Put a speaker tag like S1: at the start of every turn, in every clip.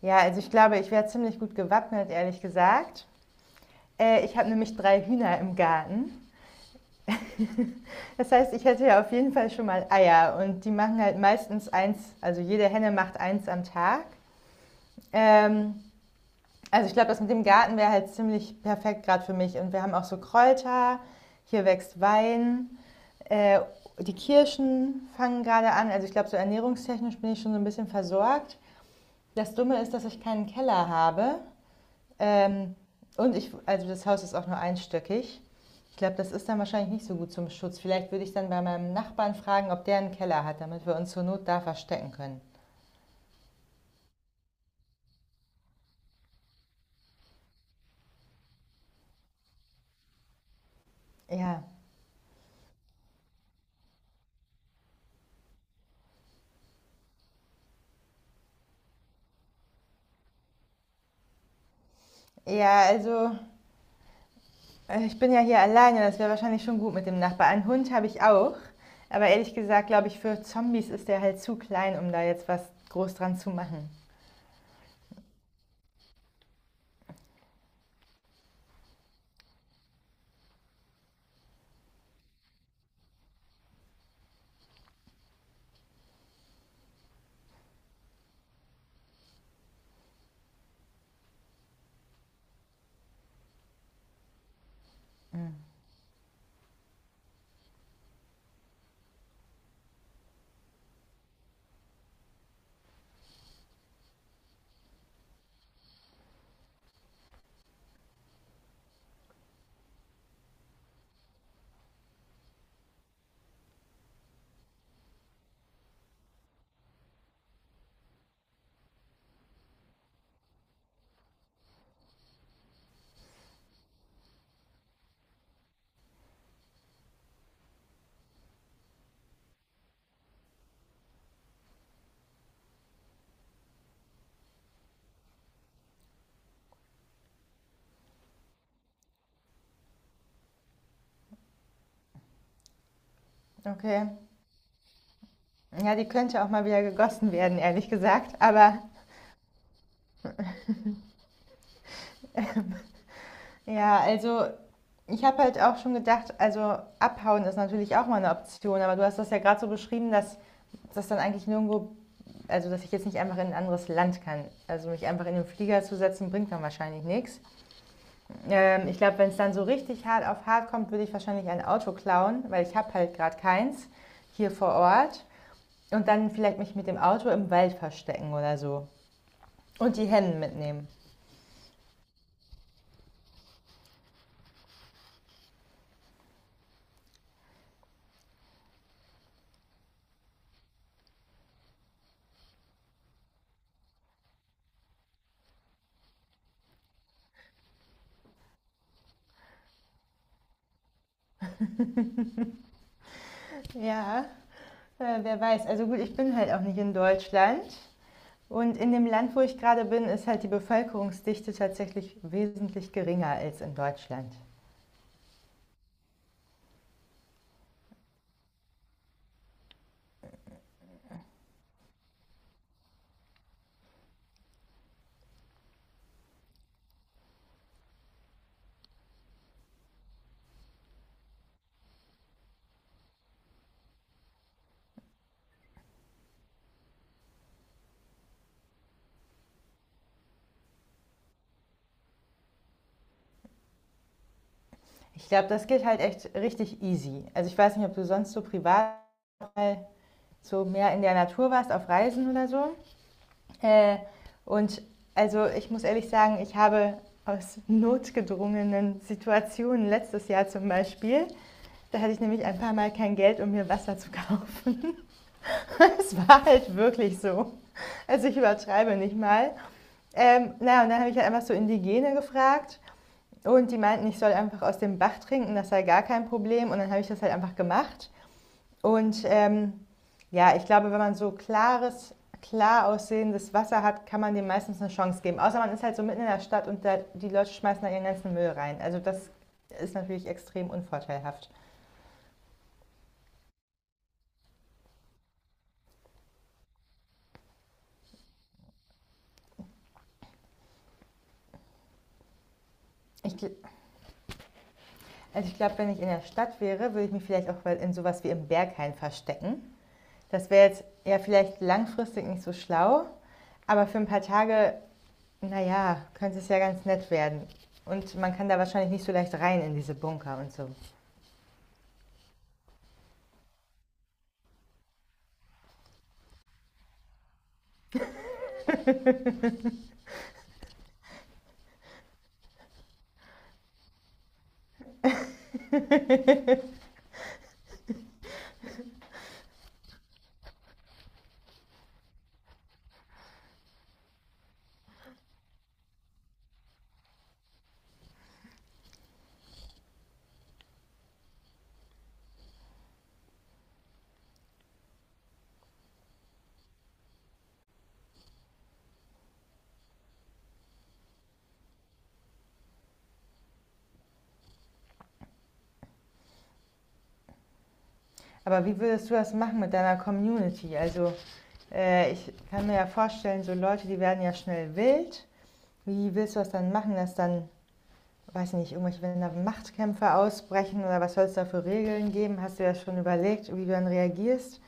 S1: Ja, also ich glaube, ich wäre ziemlich gut gewappnet, ehrlich gesagt. Ich habe nämlich drei Hühner im Garten. Das heißt, ich hätte ja auf jeden Fall schon mal Eier und die machen halt meistens eins, also jede Henne macht eins am Tag. Ähm, also ich glaube, das mit dem Garten wäre halt ziemlich perfekt gerade für mich. Und wir haben auch so Kräuter, hier wächst Wein, äh, die Kirschen fangen gerade an. Also ich glaube, so ernährungstechnisch bin ich schon so ein bisschen versorgt. Das Dumme ist, dass ich keinen Keller habe. Ähm, und ich, also das Haus ist auch nur einstöckig. Ich glaube, das ist dann wahrscheinlich nicht so gut zum Schutz. Vielleicht würde ich dann bei meinem Nachbarn fragen, ob der einen Keller hat, damit wir uns zur Not da verstecken können. Ja. Ja, also ich bin ja hier alleine, das wäre wahrscheinlich schon gut mit dem Nachbarn. Einen Hund habe ich auch, aber ehrlich gesagt, glaube ich, für Zombies ist der halt zu klein, um da jetzt was groß dran zu machen. Mhm. Okay. Ja, die könnte auch mal wieder gegossen werden, ehrlich gesagt, aber ja, also ich habe halt auch schon gedacht, also abhauen ist natürlich auch mal eine Option, aber du hast das ja gerade so beschrieben, dass das dann eigentlich nirgendwo, also dass ich jetzt nicht einfach in ein anderes Land kann. Also mich einfach in den Flieger zu setzen, bringt dann wahrscheinlich nichts. Ich glaube, wenn es dann so richtig hart auf hart kommt, würde ich wahrscheinlich ein Auto klauen, weil ich habe halt gerade keins hier vor Ort. Und dann vielleicht mich mit dem Auto im Wald verstecken oder so. Und die Hennen mitnehmen. Ja, wer weiß. Also gut, ich bin halt auch nicht in Deutschland. Und in dem Land, wo ich gerade bin, ist halt die Bevölkerungsdichte tatsächlich wesentlich geringer als in Deutschland. Ich glaube, das geht halt echt richtig easy. Also ich weiß nicht, ob du sonst so privat mal so mehr in der Natur warst, auf Reisen oder so. Äh, und also ich muss ehrlich sagen, ich habe aus notgedrungenen Situationen letztes Jahr zum Beispiel, da hatte ich nämlich ein paar Mal kein Geld, um mir Wasser zu kaufen. Es war halt wirklich so. Also ich übertreibe nicht mal. Na, und dann habe ich halt einfach so Indigene gefragt und die meinten, ich soll einfach aus dem Bach trinken, das sei gar kein Problem. Und dann habe ich das halt einfach gemacht. Und ja, ich glaube, wenn man so klares, klar aussehendes Wasser hat, kann man dem meistens eine Chance geben. Außer man ist halt so mitten in der Stadt und da, die Leute schmeißen da ihren ganzen Müll rein. Also das ist natürlich extrem unvorteilhaft. Ich, also ich glaube, wenn ich in der Stadt wäre, würde ich mich vielleicht auch in sowas wie im Berghain verstecken. Das wäre jetzt ja vielleicht langfristig nicht so schlau, aber für ein paar Tage, naja, könnte es ja ganz nett werden. Und man kann da wahrscheinlich nicht so leicht rein in diese Bunker und so. Aber wie würdest du das machen mit deiner Community? Also ich kann mir ja vorstellen, so Leute, die werden ja schnell wild. Wie willst du das dann machen, dass dann, weiß nicht, irgendwelche, wenn da Machtkämpfe ausbrechen oder was soll es da für Regeln geben? Hast du ja schon überlegt, wie du dann reagierst?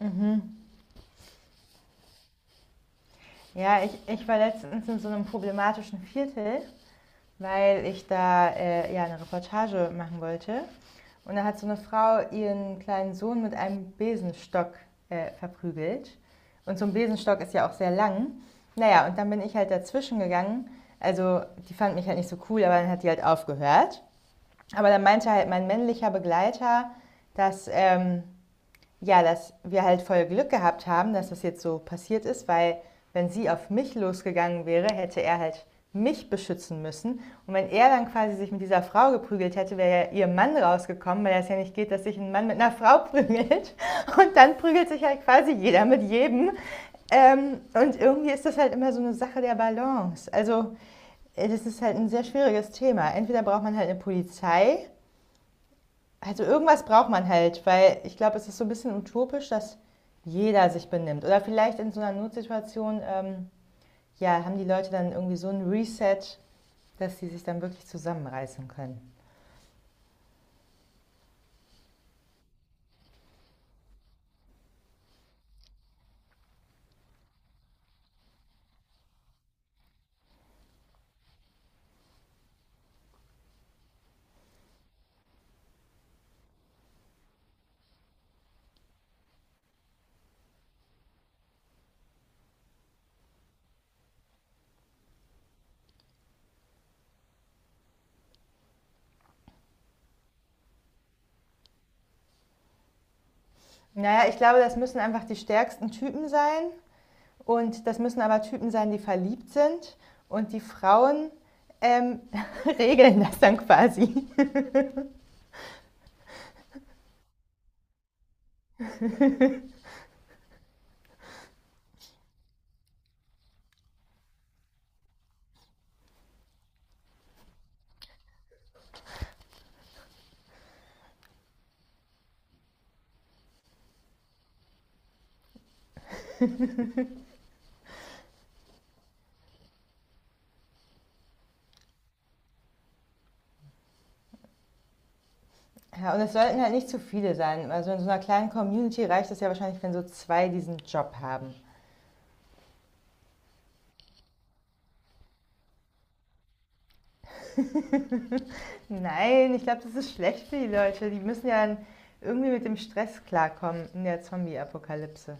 S1: Mhm. Ja, ich war letztens in so einem problematischen Viertel, weil ich da ja eine Reportage machen wollte. Und da hat so eine Frau ihren kleinen Sohn mit einem Besenstock verprügelt. Und so ein Besenstock ist ja auch sehr lang. Naja, und dann bin ich halt dazwischen gegangen. Also, die fand mich halt nicht so cool, aber dann hat die halt aufgehört. Aber dann meinte halt mein männlicher Begleiter, dass ja, dass wir halt voll Glück gehabt haben, dass das jetzt so passiert ist, weil wenn sie auf mich losgegangen wäre, hätte er halt mich beschützen müssen. Und wenn er dann quasi sich mit dieser Frau geprügelt hätte, wäre ja ihr Mann rausgekommen, weil das ja nicht geht, dass sich ein Mann mit einer Frau prügelt. Und dann prügelt sich halt quasi jeder mit jedem. Und irgendwie ist das halt immer so eine Sache der Balance. Also das ist halt ein sehr schwieriges Thema. Entweder braucht man halt eine Polizei, also irgendwas braucht man halt, weil ich glaube, es ist so ein bisschen utopisch, dass jeder sich benimmt. Oder vielleicht in so einer Notsituation, ja, haben die Leute dann irgendwie so ein Reset, dass sie sich dann wirklich zusammenreißen können. Naja, ich glaube, das müssen einfach die stärksten Typen sein. Und das müssen aber Typen sein, die verliebt sind. Und die Frauen ähm, regeln das dann quasi. Ja, und es sollten halt nicht zu viele sein. Also in so einer kleinen Community reicht es ja wahrscheinlich, wenn so zwei diesen Job haben. Nein, ich glaube, das ist schlecht für die Leute. Die müssen ja irgendwie mit dem Stress klarkommen in der Zombie-Apokalypse.